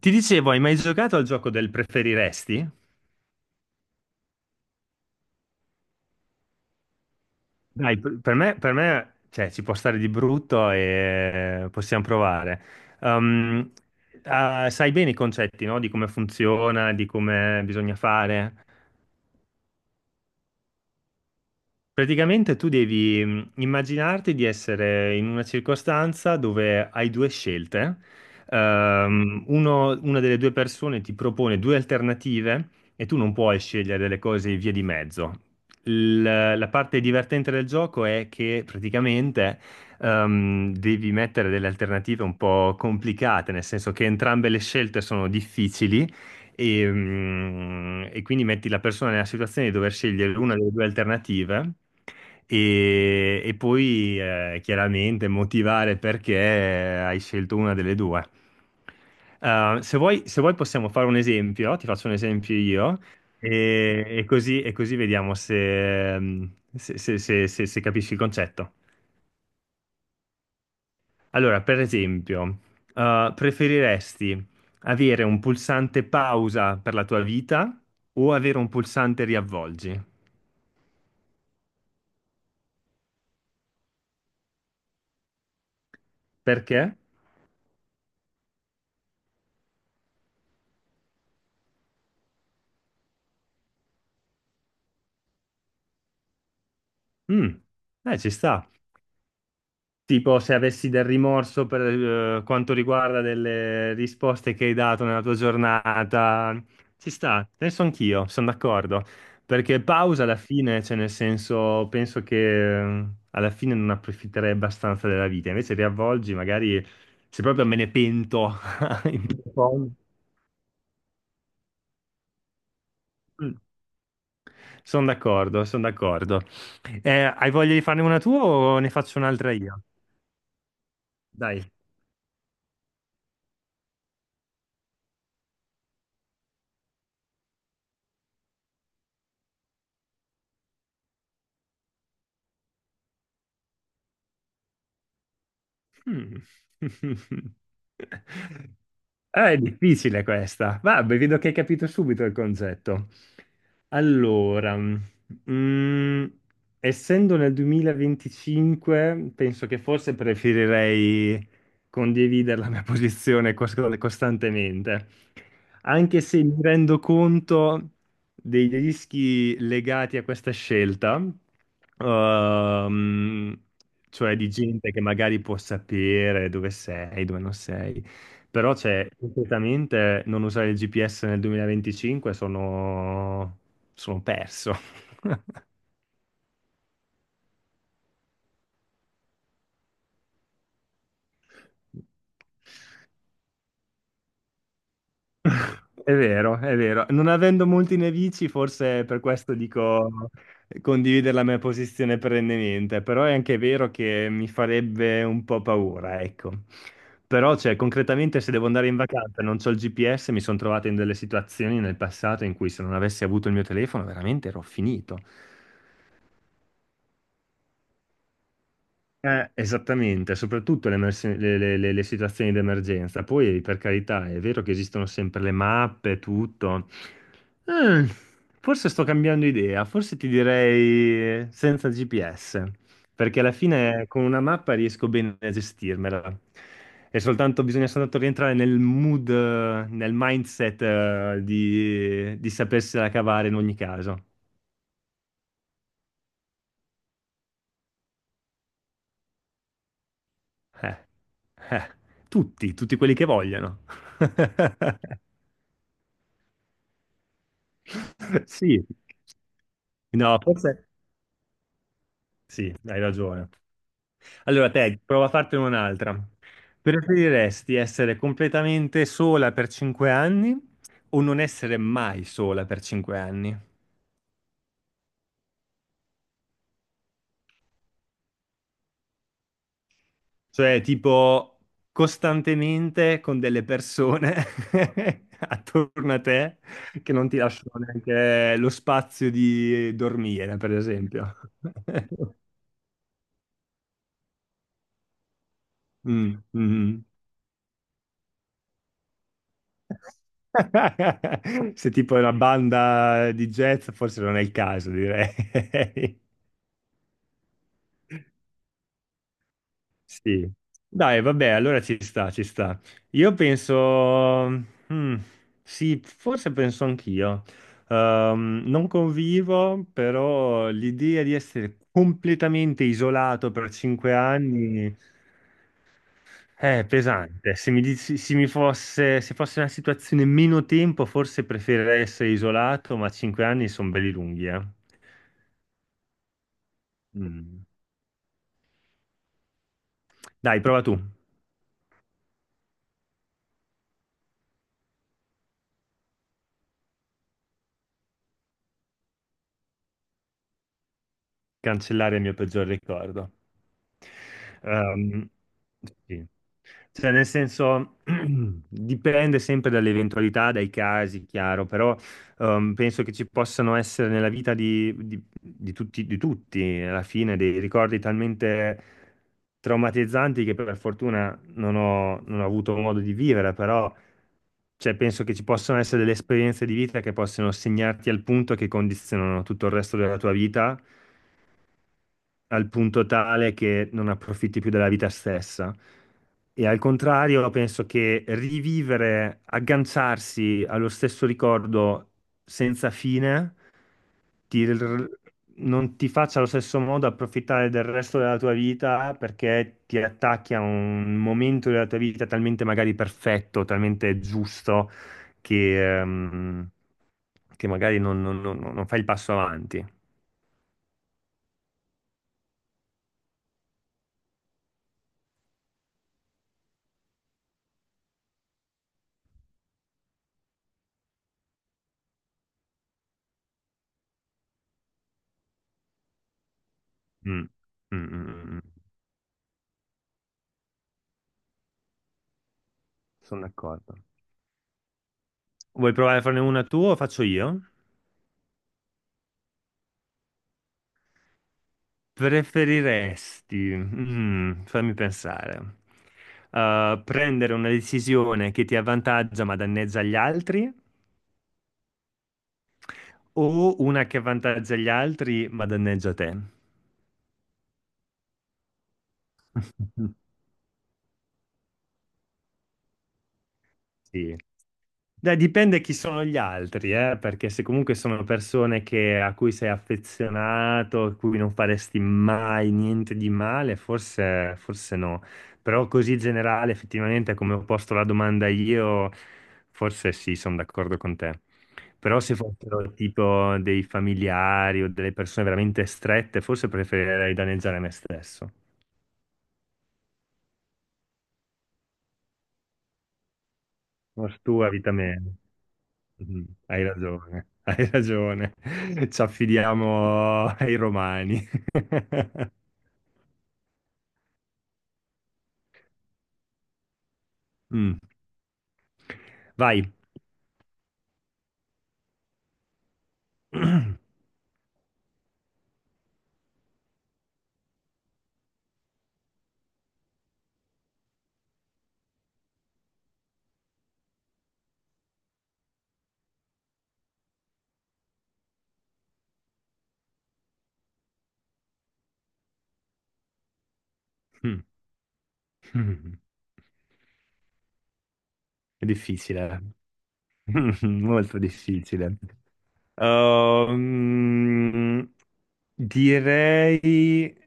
Ti dicevo, hai mai giocato al gioco del preferiresti? Dai, per me, per me, cioè, ci può stare di brutto e possiamo provare. Um, ah, sai bene i concetti, no? Di come funziona, di come bisogna fare. Praticamente tu devi immaginarti di essere in una circostanza dove hai due scelte. Una delle due persone ti propone due alternative e tu non puoi scegliere delle cose via di mezzo. La parte divertente del gioco è che praticamente devi mettere delle alternative un po' complicate, nel senso che entrambe le scelte sono difficili e quindi metti la persona nella situazione di dover scegliere una delle due alternative e poi chiaramente motivare perché hai scelto una delle due. Se vuoi possiamo fare un esempio, ti faccio un esempio io e così vediamo se, mm, se- se- se- se- se capisci il concetto. Allora, per esempio, preferiresti avere un pulsante pausa per la tua vita o avere un pulsante riavvolgi? Perché? Mm, Ci sta. Tipo, se avessi del rimorso per quanto riguarda delle risposte che hai dato nella tua giornata, ci sta, penso anch'io, sono d'accordo. Perché pausa alla fine, cioè nel senso, penso che alla fine non approfitterei abbastanza della vita. Invece riavvolgi, magari se proprio me ne pento. Sono d'accordo, sono d'accordo. Hai voglia di farne una tua o ne faccio un'altra io? Dai. Mm. Ah, è difficile questa. Vabbè, vedo che hai capito subito il concetto. Allora, mm, essendo nel 2025, penso che forse preferirei condividere la mia posizione costantemente, anche se mi rendo conto dei rischi legati a questa scelta, ehm, cioè di gente che magari può sapere dove sei, dove non sei. Però c'è completamente non usare il GPS nel 2025 sono perso. È vero, è vero. Non avendo molti nemici, forse per questo dico condividere la mia posizione perennemente, però è anche vero che mi farebbe un po' paura, ecco. Però, cioè, concretamente, se devo andare in vacanza e non ho il GPS, mi sono trovato in delle situazioni nel passato in cui se non avessi avuto il mio telefono, veramente ero finito. Esattamente, soprattutto le, emersi- le situazioni di emergenza. Poi, per carità, è vero che esistono sempre le mappe, tutto. Eh, Forse sto cambiando idea, forse ti direi senza GPS, perché alla fine con una mappa riesco bene a gestirmela. E soltanto bisogna soltanto rientrare nel mood, nel mindset, di sapersela cavare in ogni caso. Eh, eh, tutti quelli che vogliono. Sì, no, forse sì, hai ragione. Allora, te, prova a fartene un'altra. Preferiresti essere completamente sola per 5 anni o non essere mai sola per 5 anni? Cioè, tipo, costantemente con delle persone attorno a te che non ti lasciano neanche lo spazio di dormire, per esempio. Mm, mm. Se tipo è una banda di jazz, forse non è il caso, direi. Sì. Dai, vabbè, allora ci sta, ci sta. Io penso, mm, sì, forse penso anch'io. Non convivo, però l'idea di essere completamente isolato per 5 anni. È pesante. Se mi, dici- se mi fosse, se fosse una situazione meno tempo, forse preferirei essere isolato, ma 5 anni sono belli lunghi, eh. Mm. Dai, prova tu. Cancellare il mio peggior ricordo. Ehm, sì. Cioè, nel senso, dipende sempre dalle eventualità, dai casi, chiaro, però penso che ci possano essere nella vita di tutti, di tutti, alla fine, dei ricordi talmente traumatizzanti che per fortuna non ho avuto modo di vivere, però cioè, penso che ci possano essere delle esperienze di vita che possono segnarti al punto che condizionano tutto il resto della tua vita al punto tale che non approfitti più della vita stessa. E al contrario, penso che rivivere, agganciarsi allo stesso ricordo senza fine, ti r- non ti faccia allo stesso modo approfittare del resto della tua vita perché ti attacchi a un momento della tua vita talmente magari perfetto, talmente giusto, che, ehm, che magari non fai il passo avanti. Mm, mm, mm, mm. Sono d'accordo. Vuoi provare a farne una tu o faccio io? Preferiresti, fammi pensare, prendere una decisione che ti avvantaggia ma danneggia gli altri o una che avvantaggia gli altri ma danneggia te? Sì. Beh, dipende chi sono gli altri, perché se comunque sono persone a cui sei affezionato, a cui non faresti mai niente di male, forse, forse no. Però così generale, effettivamente, come ho posto la domanda io, forse sì, sono d'accordo con te. Però se fossero tipo dei familiari o delle persone veramente strette, forse preferirei danneggiare me stesso. Morto tu, vita mia. Mm, hai ragione, hai ragione. Ci affidiamo ai romani. Mm, vai. È difficile, molto difficile. Ehm, Direi,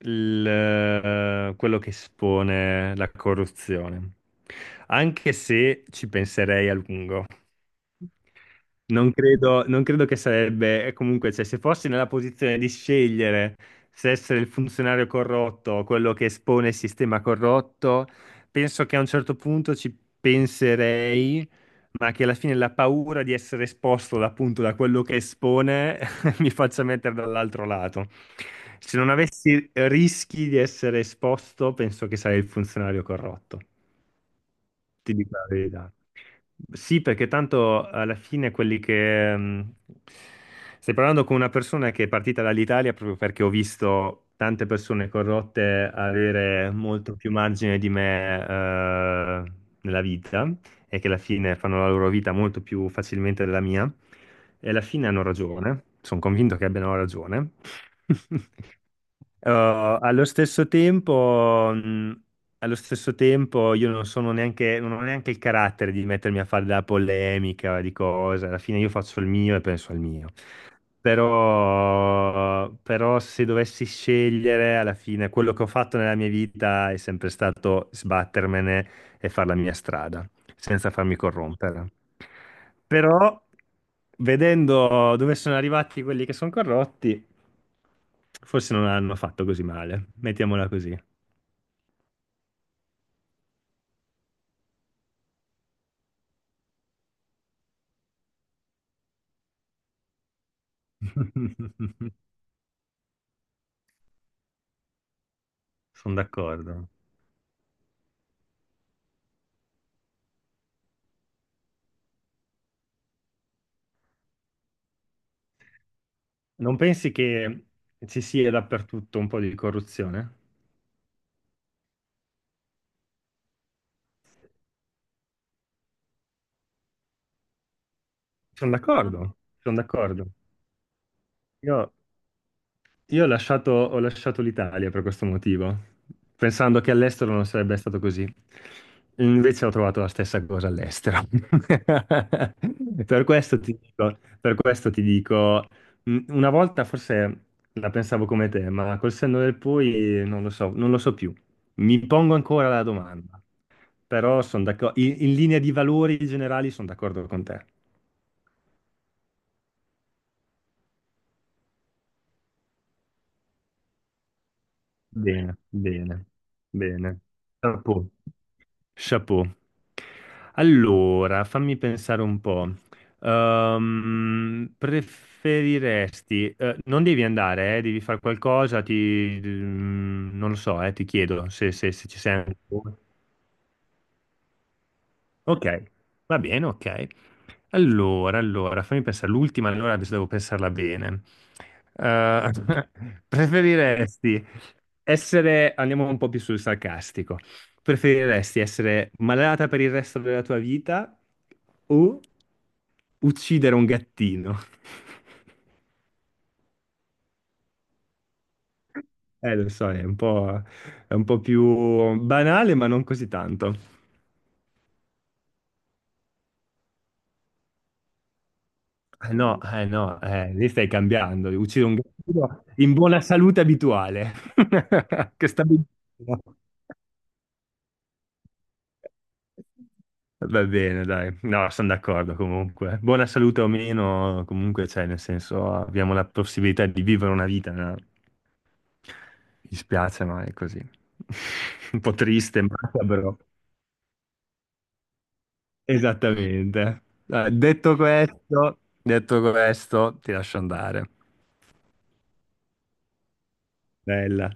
il, quello che espone la corruzione. Anche se ci penserei a lungo. Non credo, non credo che sarebbe, e comunque, cioè, se fossi nella posizione di scegliere se essere il funzionario corrotto o quello che espone il sistema corrotto, penso che a un certo punto ci penserei, ma che alla fine la paura di essere esposto appunto da quello che espone mi faccia mettere dall'altro lato. Se non avessi rischi di essere esposto, penso che sarei il funzionario corrotto. Ti dico la verità. Sì, perché tanto alla fine quelli che. Stai parlando con una persona che è partita dall'Italia proprio perché ho visto tante persone corrotte avere molto più margine di me, nella vita e che alla fine fanno la loro vita molto più facilmente della mia. E alla fine hanno ragione. Sono convinto che abbiano ragione. Eh, allo stesso tempo, mh, allo stesso tempo io non sono neanche, non ho neanche il carattere di mettermi a fare della polemica di cose, alla fine io faccio il mio e penso al mio. Però se dovessi scegliere, alla fine quello che ho fatto nella mia vita è sempre stato sbattermene e fare la mia strada senza farmi corrompere. Però, vedendo dove sono arrivati quelli che sono corrotti, forse non hanno fatto così male. Mettiamola così. Sono d'accordo. Non pensi che ci sia dappertutto un po' di corruzione? Sono d'accordo, sono d'accordo. Io Io ho lasciato l'Italia per questo motivo, pensando che all'estero non sarebbe stato così. Invece ho trovato la stessa cosa all'estero. Per questo ti dico, una volta forse la pensavo come te, ma col senno del poi non lo so, non lo so più. Mi pongo ancora la domanda, però sono d'accordo, in linea di valori generali sono d'accordo con te. Bene, bene, bene. Chapeau, chapeau. Allora, fammi pensare un po'. Preferiresti, non devi andare, devi fare qualcosa, ti, non lo so, ti chiedo se, se ci sei ancora. Ok, va bene, ok. Allora, fammi pensare, l'ultima, allora adesso devo pensarla bene. Eh, Preferiresti essere, andiamo un po' più sul sarcastico, preferiresti essere malata per il resto della tua vita o uccidere un gattino? Lo so, è un po' più banale, ma non così tanto. No, eh no, lì stai cambiando, uccidi un gatto in buona salute abituale, che sta benissimo. Va bene, dai, no, sono d'accordo comunque. Buona salute o meno, comunque, cioè, nel senso, abbiamo la possibilità di vivere una vita, no? Mi dispiace, ma è così. Un po' triste, macabro. Esattamente. Dai, detto questo, ti lascio andare. Bella.